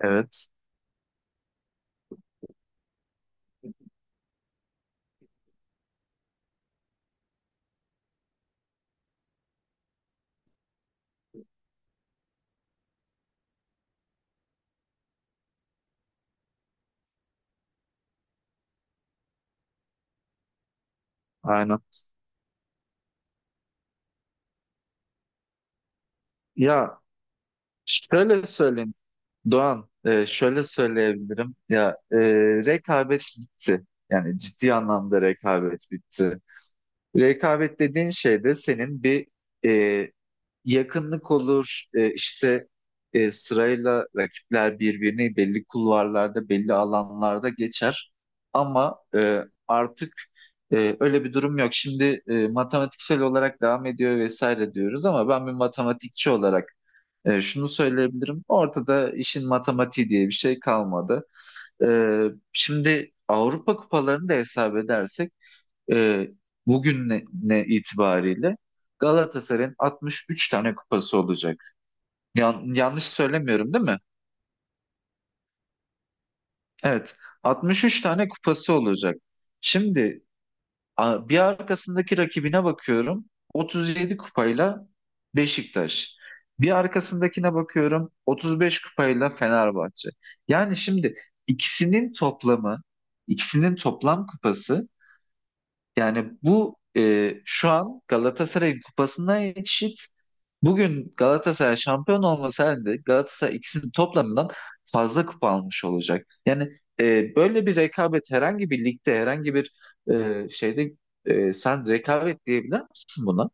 Evet, aynen. Ya şöyle söyleyeyim Doğan, şöyle söyleyebilirim. Ya rekabet bitti. Yani ciddi anlamda rekabet bitti. Rekabet dediğin şey de senin bir e, yakınlık olur. İşte sırayla rakipler birbirini belli kulvarlarda, belli alanlarda geçer. Ama artık öyle bir durum yok. Şimdi matematiksel olarak devam ediyor vesaire diyoruz ama ben bir matematikçi olarak şunu söyleyebilirim. Ortada işin matematiği diye bir şey kalmadı. E, Şimdi Avrupa kupalarını da hesap edersek e, bugün ne itibariyle Galatasaray'ın 63 tane kupası olacak. Yanlış söylemiyorum değil mi? Evet. 63 tane kupası olacak. Şimdi bir arkasındaki rakibine bakıyorum. 37 kupayla Beşiktaş. Bir arkasındakine bakıyorum. 35 kupayla Fenerbahçe. Yani şimdi ikisinin toplamı, ikisinin toplam kupası yani bu şu an Galatasaray'ın kupasına eşit. Bugün Galatasaray şampiyon olması halinde Galatasaray ikisinin toplamından fazla kupa almış olacak. Yani böyle bir rekabet herhangi bir ligde, herhangi bir şeyde sen rekabet diyebilir misin buna?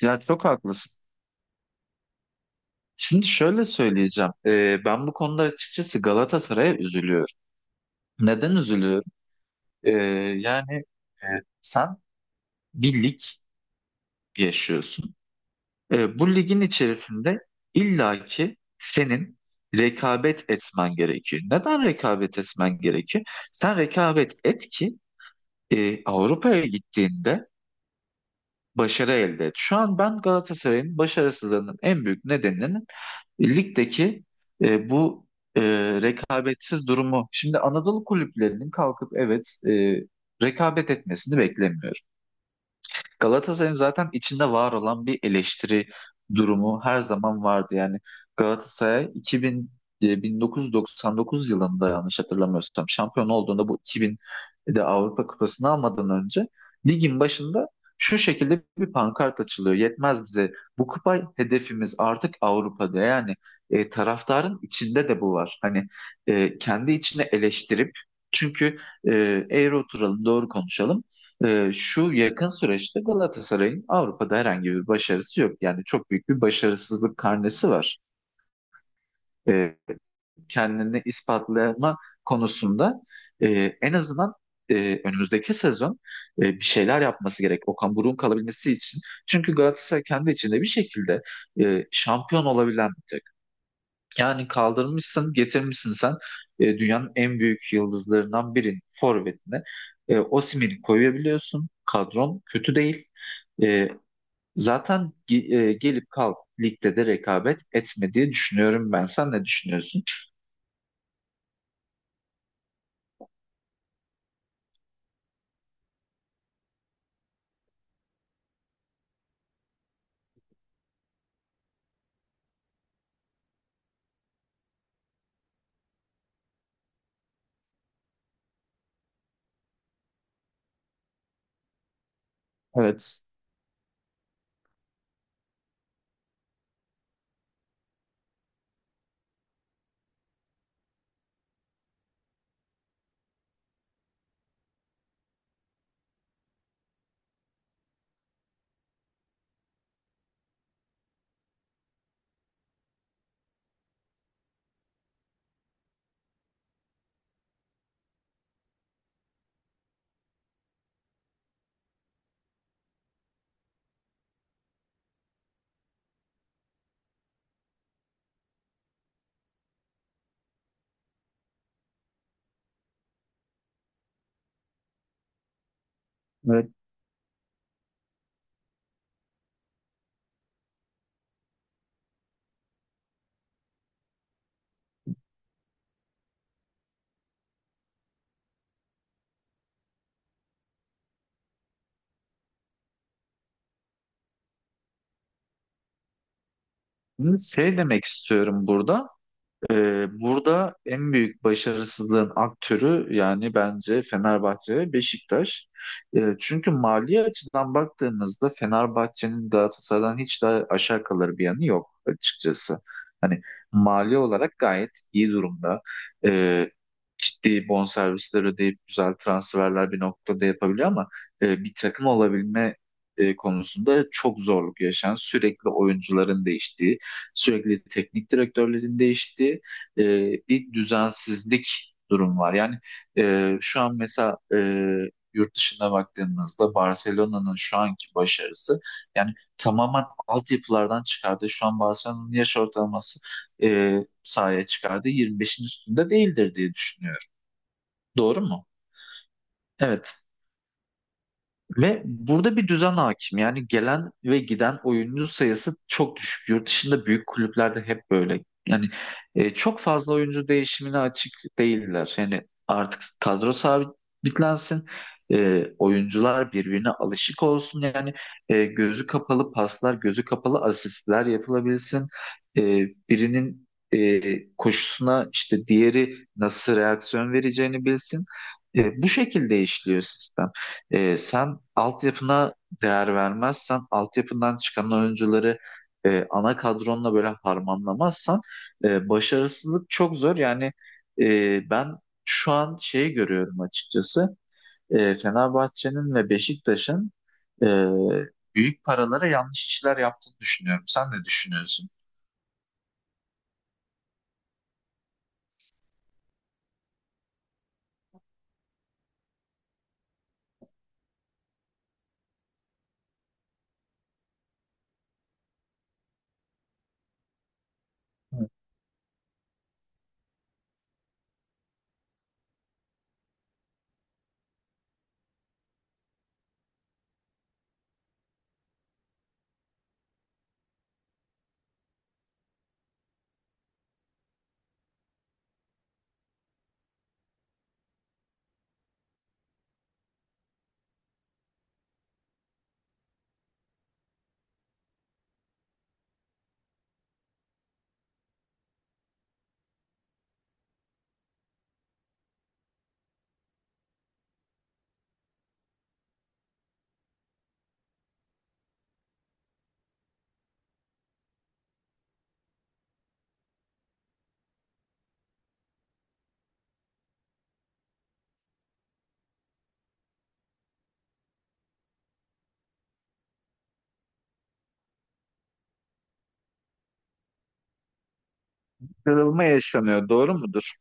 Ya çok haklısın. Şimdi şöyle söyleyeceğim. Ben bu konuda açıkçası Galatasaray'a üzülüyorum. Neden üzülüyorum? E, Yani e, sen bir lig yaşıyorsun. Bu ligin içerisinde illaki senin rekabet etmen gerekiyor. Neden rekabet etmen gerekiyor? Sen rekabet et ki Avrupa'ya gittiğinde başarı elde et. Şu an ben Galatasaray'ın başarısızlığının en büyük nedeninin ligdeki bu e, rekabetsiz durumu. Şimdi Anadolu kulüplerinin kalkıp evet rekabet etmesini beklemiyorum. Galatasaray'ın zaten içinde var olan bir eleştiri durumu her zaman vardı. Yani Galatasaray 2000, 1999 yılında yanlış hatırlamıyorsam şampiyon olduğunda bu 2000'de Avrupa Kupası'nı almadan önce ligin başında şu şekilde bir pankart açılıyor. Yetmez bize. Bu kupa hedefimiz artık Avrupa'da. Yani taraftarın içinde de bu var. Hani kendi içine eleştirip çünkü e, eğri oturalım, doğru konuşalım. Şu yakın süreçte Galatasaray'ın Avrupa'da herhangi bir başarısı yok. Yani çok büyük bir başarısızlık karnesi var. Ee, Kendini ispatlama konusunda e, en azından e, önümüzdeki sezon bir şeyler yapması gerek. Okan Buruk'un kalabilmesi için. Çünkü Galatasaray kendi içinde bir şekilde şampiyon olabilen bir takım. Yani kaldırmışsın, getirmişsin sen dünyanın en büyük yıldızlarından birinin forvetine. Osimhen'i koyabiliyorsun. Kadron kötü değil. E, Zaten gelip kalk ligde de rekabet etme diye düşünüyorum ben. Sen ne düşünüyorsun? Evet. Evet. Şey demek istiyorum burada. Burada en büyük başarısızlığın aktörü yani bence Fenerbahçe ve Beşiktaş. Çünkü mali açıdan baktığımızda Fenerbahçe'nin Galatasaray'dan hiç daha aşağı kalır bir yanı yok açıkçası. Hani mali olarak gayet iyi durumda. Ee, Ciddi bonservisler ödeyip güzel transferler bir noktada yapabiliyor ama bir takım olabilme konusunda çok zorluk yaşayan, sürekli oyuncuların değiştiği, sürekli teknik direktörlerin değiştiği e, bir düzensizlik durum var. Yani şu an mesela yurt dışına baktığımızda Barcelona'nın şu anki başarısı yani tamamen altyapılardan çıkardı. Şu an Barcelona'nın yaş ortalaması sahaya çıkardığı 25'in üstünde değildir diye düşünüyorum. Doğru mu? Evet. Ve burada bir düzen hakim. Yani gelen ve giden oyuncu sayısı çok düşük. Yurt dışında büyük kulüplerde hep böyle. Yani çok fazla oyuncu değişimine açık değiller. Yani artık kadro sabitlensin. Oyuncular birbirine alışık olsun. Yani gözü kapalı paslar, gözü kapalı asistler yapılabilsin. E, Birinin koşusuna işte diğeri nasıl reaksiyon vereceğini bilsin. Bu şekilde işliyor sistem. Sen altyapına değer vermezsen, altyapından çıkan oyuncuları ana kadronla böyle harmanlamazsan başarısızlık çok zor. Yani ben şu an şeyi görüyorum açıkçası. Fenerbahçe'nin ve Beşiktaş'ın e, büyük paralara yanlış işler yaptığını düşünüyorum. Sen ne düşünüyorsun? Kırılma yaşanıyor, doğru mudur?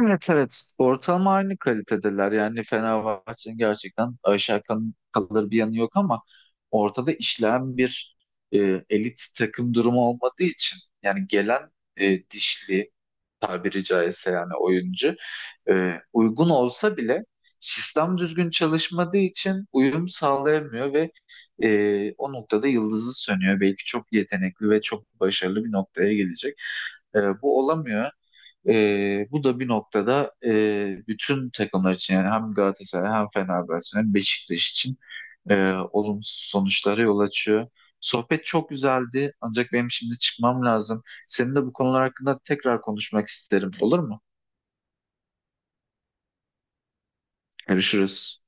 Evet, evet, ortalama aynı kalitedeler yani Fenerbahçe'nin gerçekten aşağı kalır bir yanı yok ama ortada işleyen bir e, elit takım durumu olmadığı için yani gelen dişli tabiri caizse yani oyuncu e, uygun olsa bile sistem düzgün çalışmadığı için uyum sağlayamıyor ve o noktada yıldızı sönüyor. Belki çok yetenekli ve çok başarılı bir noktaya gelecek. Bu olamıyor. Bu da bir noktada bütün takımlar için yani hem Galatasaray hem Fenerbahçe hem Beşiktaş için e, olumsuz sonuçlara yol açıyor. Sohbet çok güzeldi ancak benim şimdi çıkmam lazım. Seninle bu konular hakkında tekrar konuşmak isterim. Olur mu? Görüşürüz.